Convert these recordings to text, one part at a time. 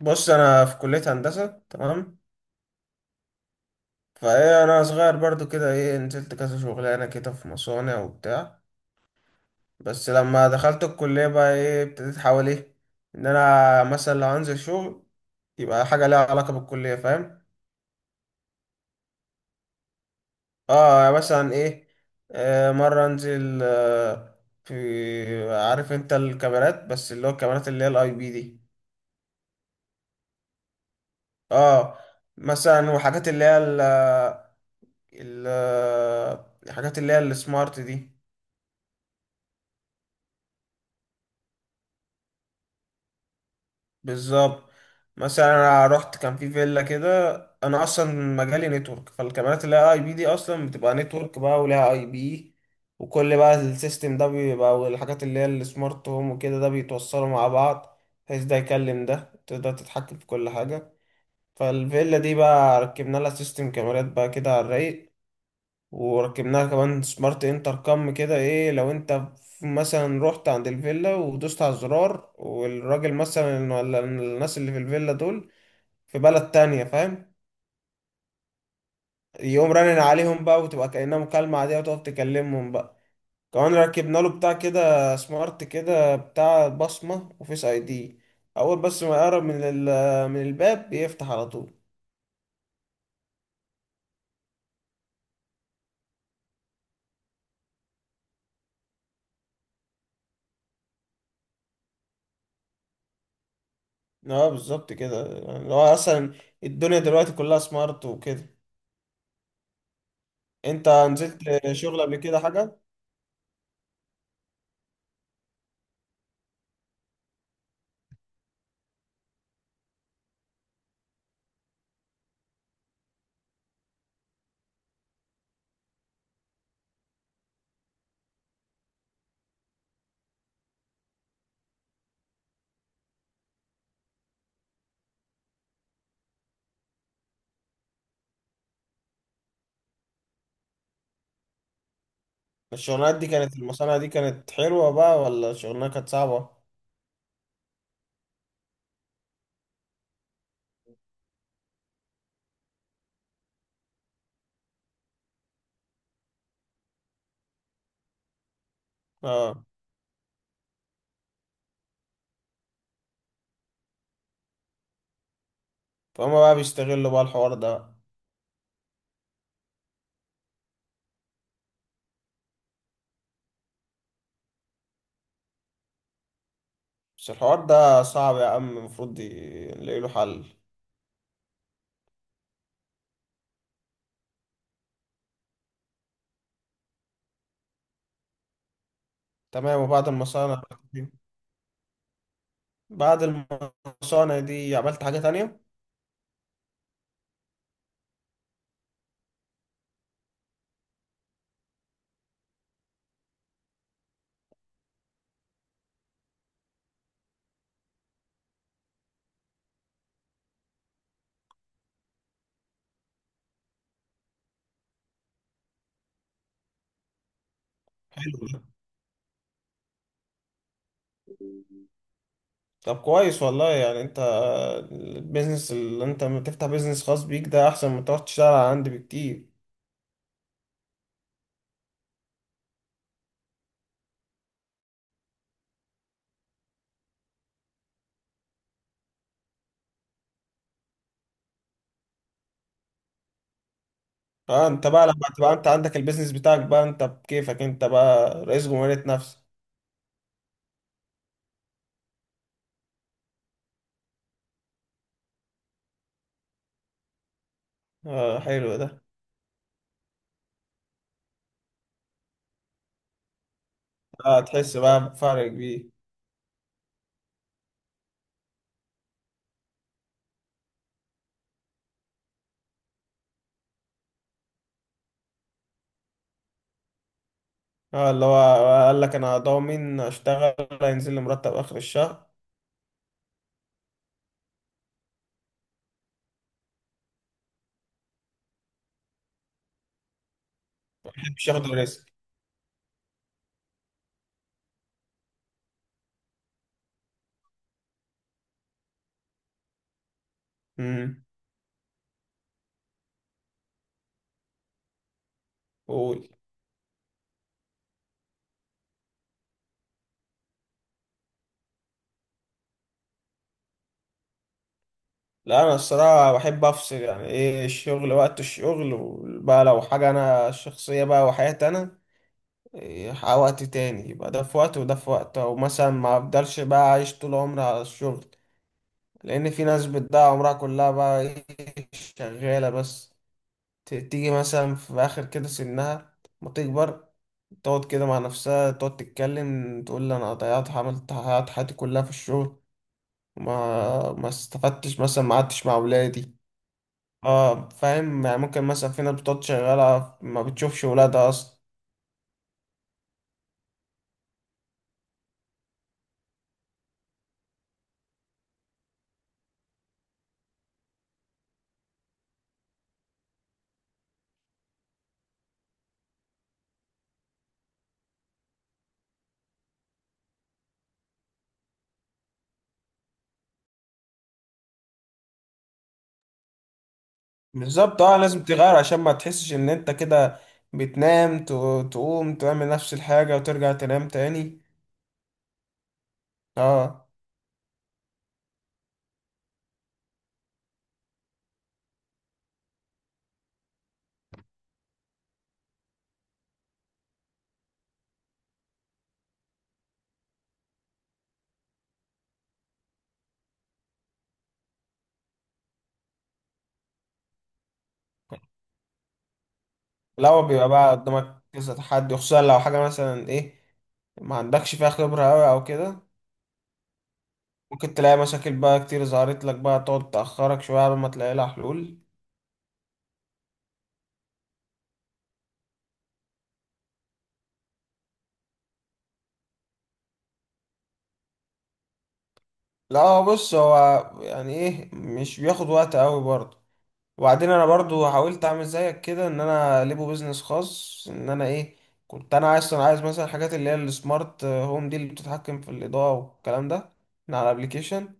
بص، انا في كلية هندسة تمام. فايه انا صغير برضو كده ايه نزلت كذا شغلانة كده في مصانع وبتاع. بس لما دخلت الكلية بقى ايه ابتديت احاول ايه ان انا مثلا لو هنزل شغل يبقى حاجة ليها علاقة بالكلية، فاهم. اه يعني مثلا ايه. مرة انزل في، عارف انت الكاميرات، بس اللي هو الكاميرات اللي هي الاي بي دي. اه، مثلا وحاجات اللي هي ال- الحاجات اللي هي السمارت دي. بالظبط. مثلا انا رحت كان في فيلا كده. انا اصلا مجالي نتورك، فالكاميرات اللي هي اي بي دي اصلا بتبقى نتورك بقى ولها اي بي، وكل بقى السيستم ده بيبقى، والحاجات اللي هي السمارت هوم وكده ده بيتوصلوا مع بعض، بحيث ده يكلم ده تقدر تتحكم في كل حاجة. فالفيلا دي بقى ركبنا لها سيستم كاميرات بقى كده على الرايق، وركبناها كمان سمارت انتر كام كده. ايه لو انت مثلا رحت عند الفيلا ودوست على الزرار، والراجل مثلا ولا الناس اللي في الفيلا دول في بلد تانية، فاهم، يقوم رنن عليهم بقى وتبقى كأنها مكالمة عادية وتقف تكلمهم بقى. كمان ركبنا له بتاع كده سمارت كده بتاع بصمة وفيس اي دي، اول بس ما يقرب من من الباب بيفتح على طول. اه بالظبط كده، يعني هو اصلا الدنيا دلوقتي كلها سمارت وكده. انت نزلت شغل قبل كده حاجة؟ الشغلانات دي كانت، المصانع دي كانت حلوة بقى ولا الشغلانة كانت صعبة؟ اه، فهم بقى بيستغلوا بقى الحوار ده. بس الحوار ده صعب يا عم، المفروض نلاقي له حل. تمام. وبعد المصانع دي بعد المصانع دي عملت حاجة تانية؟ طب كويس والله، يعني انت البيزنس اللي انت لما تفتح بيزنس خاص بيك ده احسن من تقعد تشتغل على عندي بكتير. اه، انت بقى لما تبقى انت عندك البيزنس بتاعك بقى، انت بكيفك، انت بقى رئيس جمهورية نفسك. اه، حلو ده. اه تحس بقى بفرق كبير. اه اللي هو قال لك انا ضامن اشتغل هينزل لي مرتب اخر الشهر، مش ياخد الريسك. امم. قول. لا انا الصراحه بحب افصل، يعني ايه الشغل وقت الشغل، وبقى لو حاجه انا شخصيه بقى وحياتي انا، إيه وقت تاني، يبقى ده في وقت وده في وقت، او مثلا ما افضلش بقى عايش طول عمري على الشغل. لان في ناس بتضيع عمرها كلها بقى ايه شغاله بس، تيجي مثلا في آخر كده سنها ما تكبر، تقعد كده مع نفسها تقعد تتكلم تقول لي أنا ضيعت، عملت، ضيعت حياتي كلها في الشغل، وما ما استفدتش، مثلا ما قعدتش مع ولادي. اه فاهم، يعني ممكن مثلا في ناس بتقعد شغالة ما بتشوفش ولادها أصلا. بالظبط، اه لازم تغير عشان ما تحسش إن أنت كده بتنام، تقوم تعمل نفس الحاجة وترجع تنام تاني. اه. لا هو بيبقى بقى قدامك كذا تحدي، خصوصا لو حاجة مثلا ايه ما عندكش فيها خبرة أوي أو كده، ممكن تلاقي مشاكل بقى كتير ظهرت لك بقى تقعد تأخرك شوية على ما تلاقي لها حلول. لا هو بص، هو يعني ايه مش بياخد وقت أوي برضه، وبعدين أنا برضه حاولت أعمل زيك كده إن أنا ليبو بيزنس خاص، إن أنا ايه كنت أنا عايز مثلا الحاجات اللي هي السمارت هوم دي اللي بتتحكم في الإضاءة والكلام ده من على الأبليكيشن.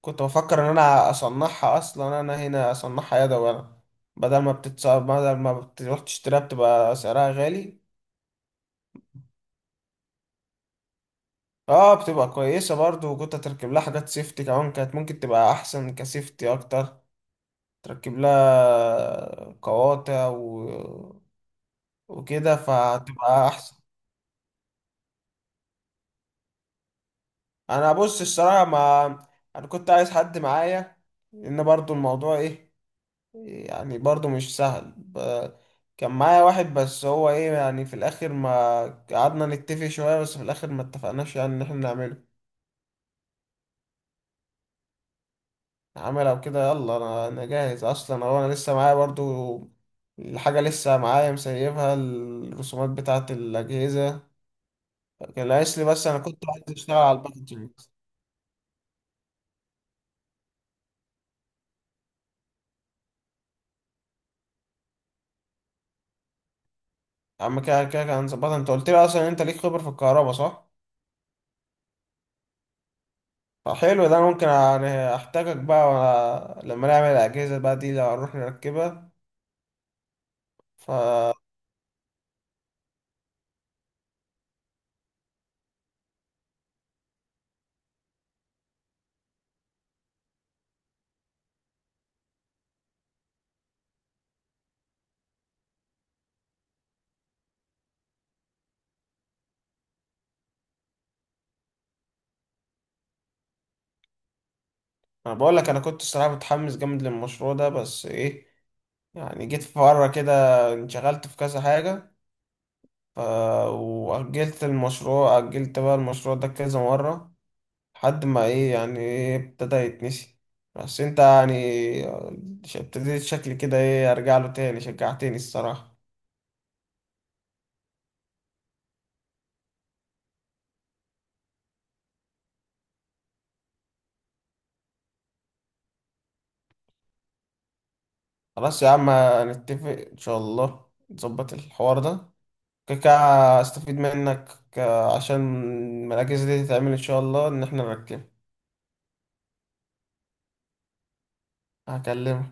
كنت بفكر ان انا اصنعها، اصلا انا هنا اصنعها يدوي انا، بدل ما بتتصاب بدل ما بتروح تشتريها بتبقى سعرها غالي. اه بتبقى كويسة برضو، وكنت تركب لها حاجات سيفتي كمان، كانت ممكن تبقى احسن كسيفتي اكتر، تركب لها قواطع وكده، فهتبقى احسن. انا بص الصراحة، ما انا كنت عايز حد معايا، لان برضو الموضوع ايه، يعني برضو مش سهل كان معايا واحد، بس هو ايه يعني في الاخر ما قعدنا نتفق شوية، بس في الاخر ما اتفقناش يعني ان احنا نعمله عمل او كده. يلا انا جاهز اصلا، هو انا لسه معايا برضو الحاجة، لسه معايا مسيبها، الرسومات بتاعة الاجهزة كان ناقص لي، بس انا كنت عايز اشتغل على الباكجينج. اما كده كده كان ظبطها. انت قلت لي اصلا انت ليك خبرة في الكهرباء، صح؟ فحلو ده، أنا ممكن يعني احتاجك بقى، لما نعمل الاجهزة بقى دي لو هنروح نركبها. ف انا بقول لك انا كنت الصراحه متحمس جامد للمشروع ده، بس ايه يعني جيت في مره كده انشغلت في كذا حاجه، ف واجلت المشروع، اجلت بقى المشروع ده كذا مره، لحد ما ايه يعني ايه ابتدى يتنسي. بس انت يعني ابتديت شكلي كده ايه ارجع له تاني، شجعتني الصراحه. خلاص يا عم، هنتفق ان شاء الله نظبط الحوار ده كده، استفيد منك، عشان المراكز دي تتعمل ان شاء الله ان احنا نركب. هكلمك.